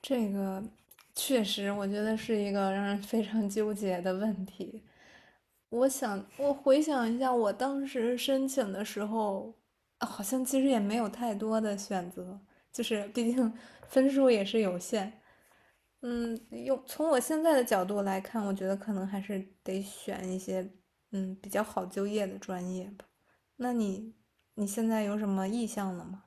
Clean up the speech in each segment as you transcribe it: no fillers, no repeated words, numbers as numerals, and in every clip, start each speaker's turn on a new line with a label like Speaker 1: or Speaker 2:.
Speaker 1: 这个确实，我觉得是一个让人非常纠结的问题。我回想一下，我当时申请的时候，好像其实也没有太多的选择，就是毕竟 分数也是有限。从我现在的角度来看，我觉得可能还是得选一些比较好就业的专业吧。那你现在有什么意向了吗？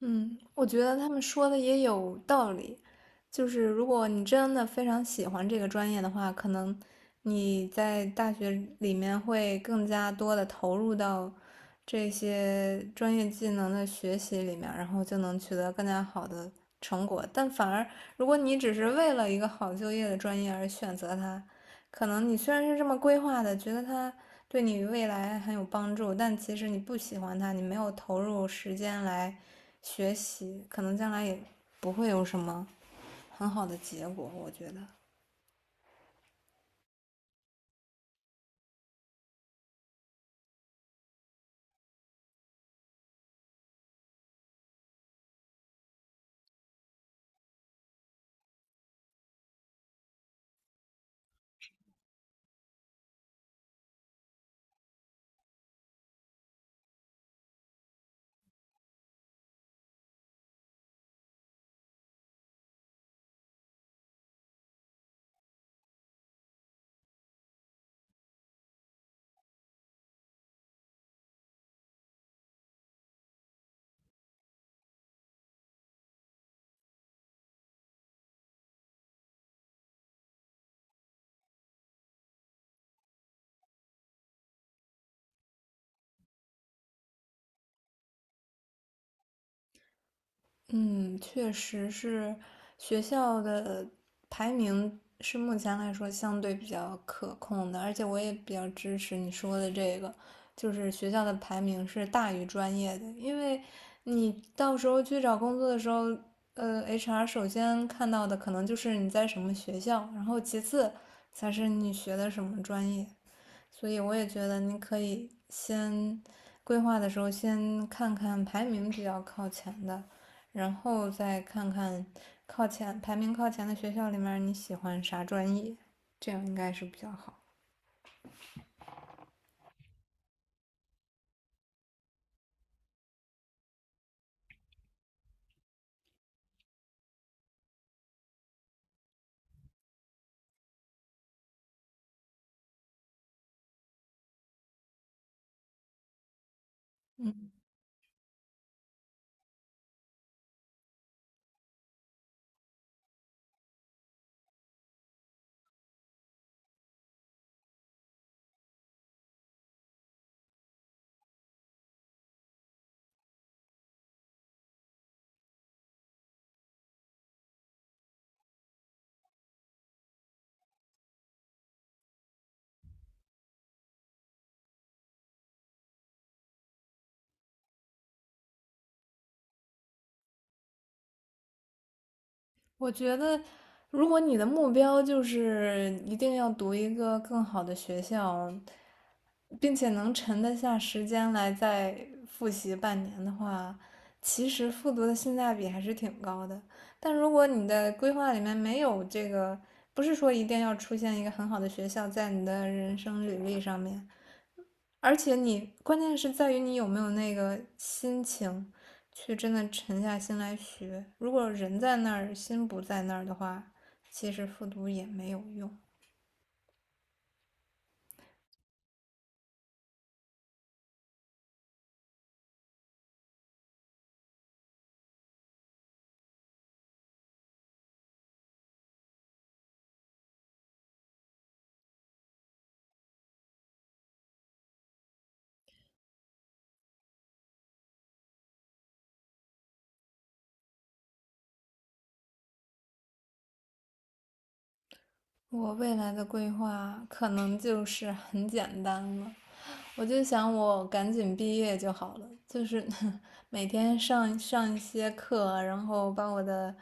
Speaker 1: 嗯，我觉得他们说的也有道理。就是如果你真的非常喜欢这个专业的话，可能你在大学里面会更加多的投入到这些专业技能的学习里面，然后就能取得更加好的成果。但反而，如果你只是为了一个好就业的专业而选择它，可能你虽然是这么规划的，觉得它对你未来很有帮助，但其实你不喜欢它，你没有投入时间来学习，可能将来也不会有什么很好的结果，我觉得。嗯，确实是学校的排名是目前来说相对比较可控的，而且我也比较支持你说的这个，就是学校的排名是大于专业的，因为你到时候去找工作的时候，HR 首先看到的可能就是你在什么学校，然后其次才是你学的什么专业。所以我也觉得你可以先规划的时候先看看排名比较靠前的，然后再看看排名靠前的学校里面你喜欢啥专业，这样应该是比较好。嗯，我觉得如果你的目标就是一定要读一个更好的学校，并且能沉得下时间来再复习半年的话，其实复读的性价比还是挺高的。但如果你的规划里面没有这个，不是说一定要出现一个很好的学校在你的人生履历上面，而且你关键是在于你有没有那个心情去真的沉下心来学。如果人在那儿，心不在那儿的话，其实复读也没有用。我未来的规划可能就是很简单了，我就想我赶紧毕业就好了，就是 每天上上一些课啊，然后把我的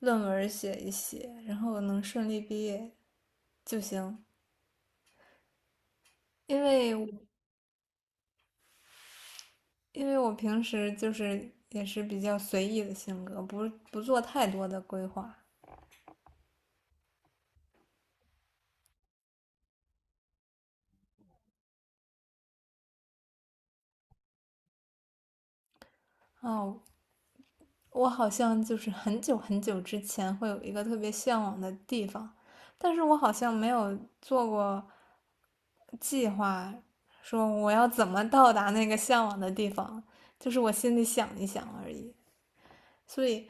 Speaker 1: 论文写一写，然后我能顺利毕业就行。因为我因为我平时就是也是比较随意的性格，不做太多的规划。哦，我好像就是 很久很久之前会有一个特别向往的地方，但是我好像没有做过计划，说我要怎么到达那个向往的地方，就是我心里想一想而已。所以，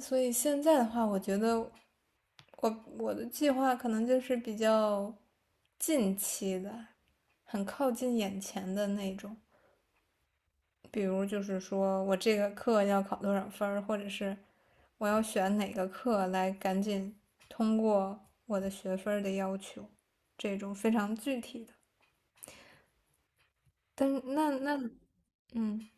Speaker 1: 所以现在的话，我觉得我的计划可能就是比较近期的，很靠近眼前的那种。比如就是说我这个课要考多少分或者是我要选哪个课来赶紧通过我的学分的要求，这种非常具体的。但是那那嗯，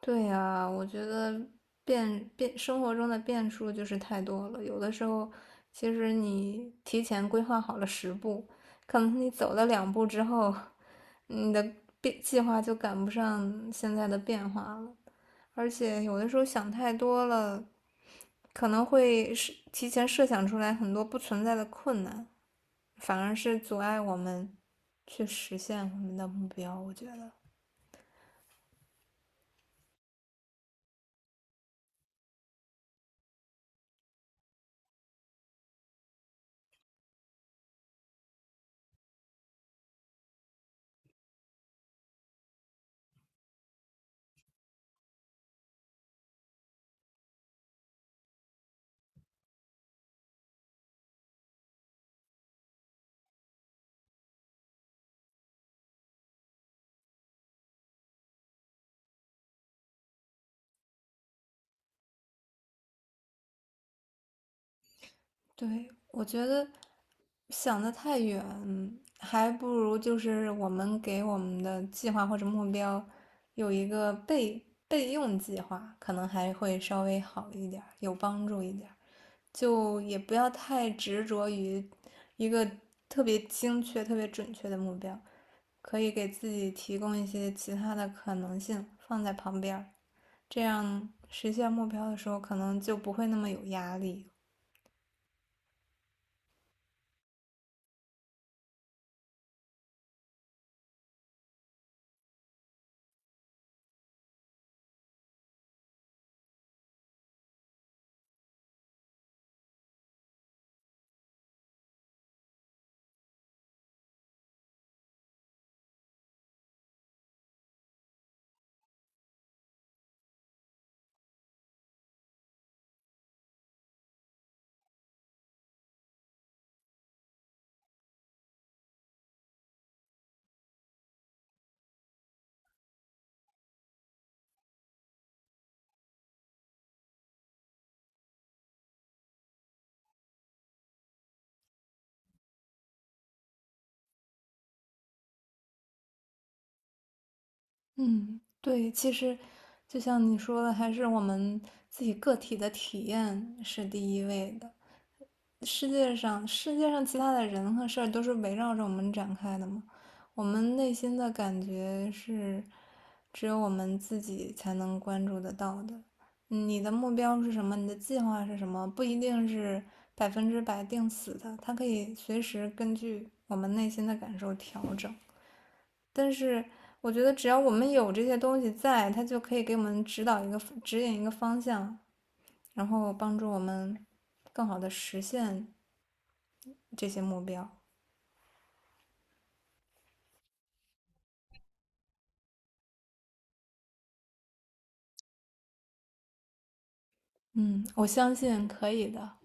Speaker 1: 对呀，我觉得生活中的变数就是太多了，有的时候其实你提前规划好了10步，可能你走了2步之后，你的计划就赶不上现在的变化了。而且有的时候想太多了，可能会是提前设想出来很多不存在的困难，反而是阻碍我们去实现我们的目标，我觉得。对，我觉得想得太远，还不如就是我们给我们的计划或者目标有一个备用计划，可能还会稍微好一点有帮助一点，就也不要太执着于一个特别精确、特别准确的目标。可以给自己提供一些其他的可能性放在旁边，这样实现目标的时候可能就不会那么有压力。嗯，对，其实就像你说的，还是我们自己个体的体验是第一位的。世界上其他的人和事儿都是围绕着我们展开的嘛。我们内心的感觉是，只有我们自己才能关注得到的。你的目标是什么？你的计划是什么？不一定是百分之百定死的，它可以随时根据我们内心的感受调整。但是我觉得，只要我们有这些东西在，它就可以给我们指引一个方向，然后帮助我们更好的实现这些目标。嗯，我相信可以的。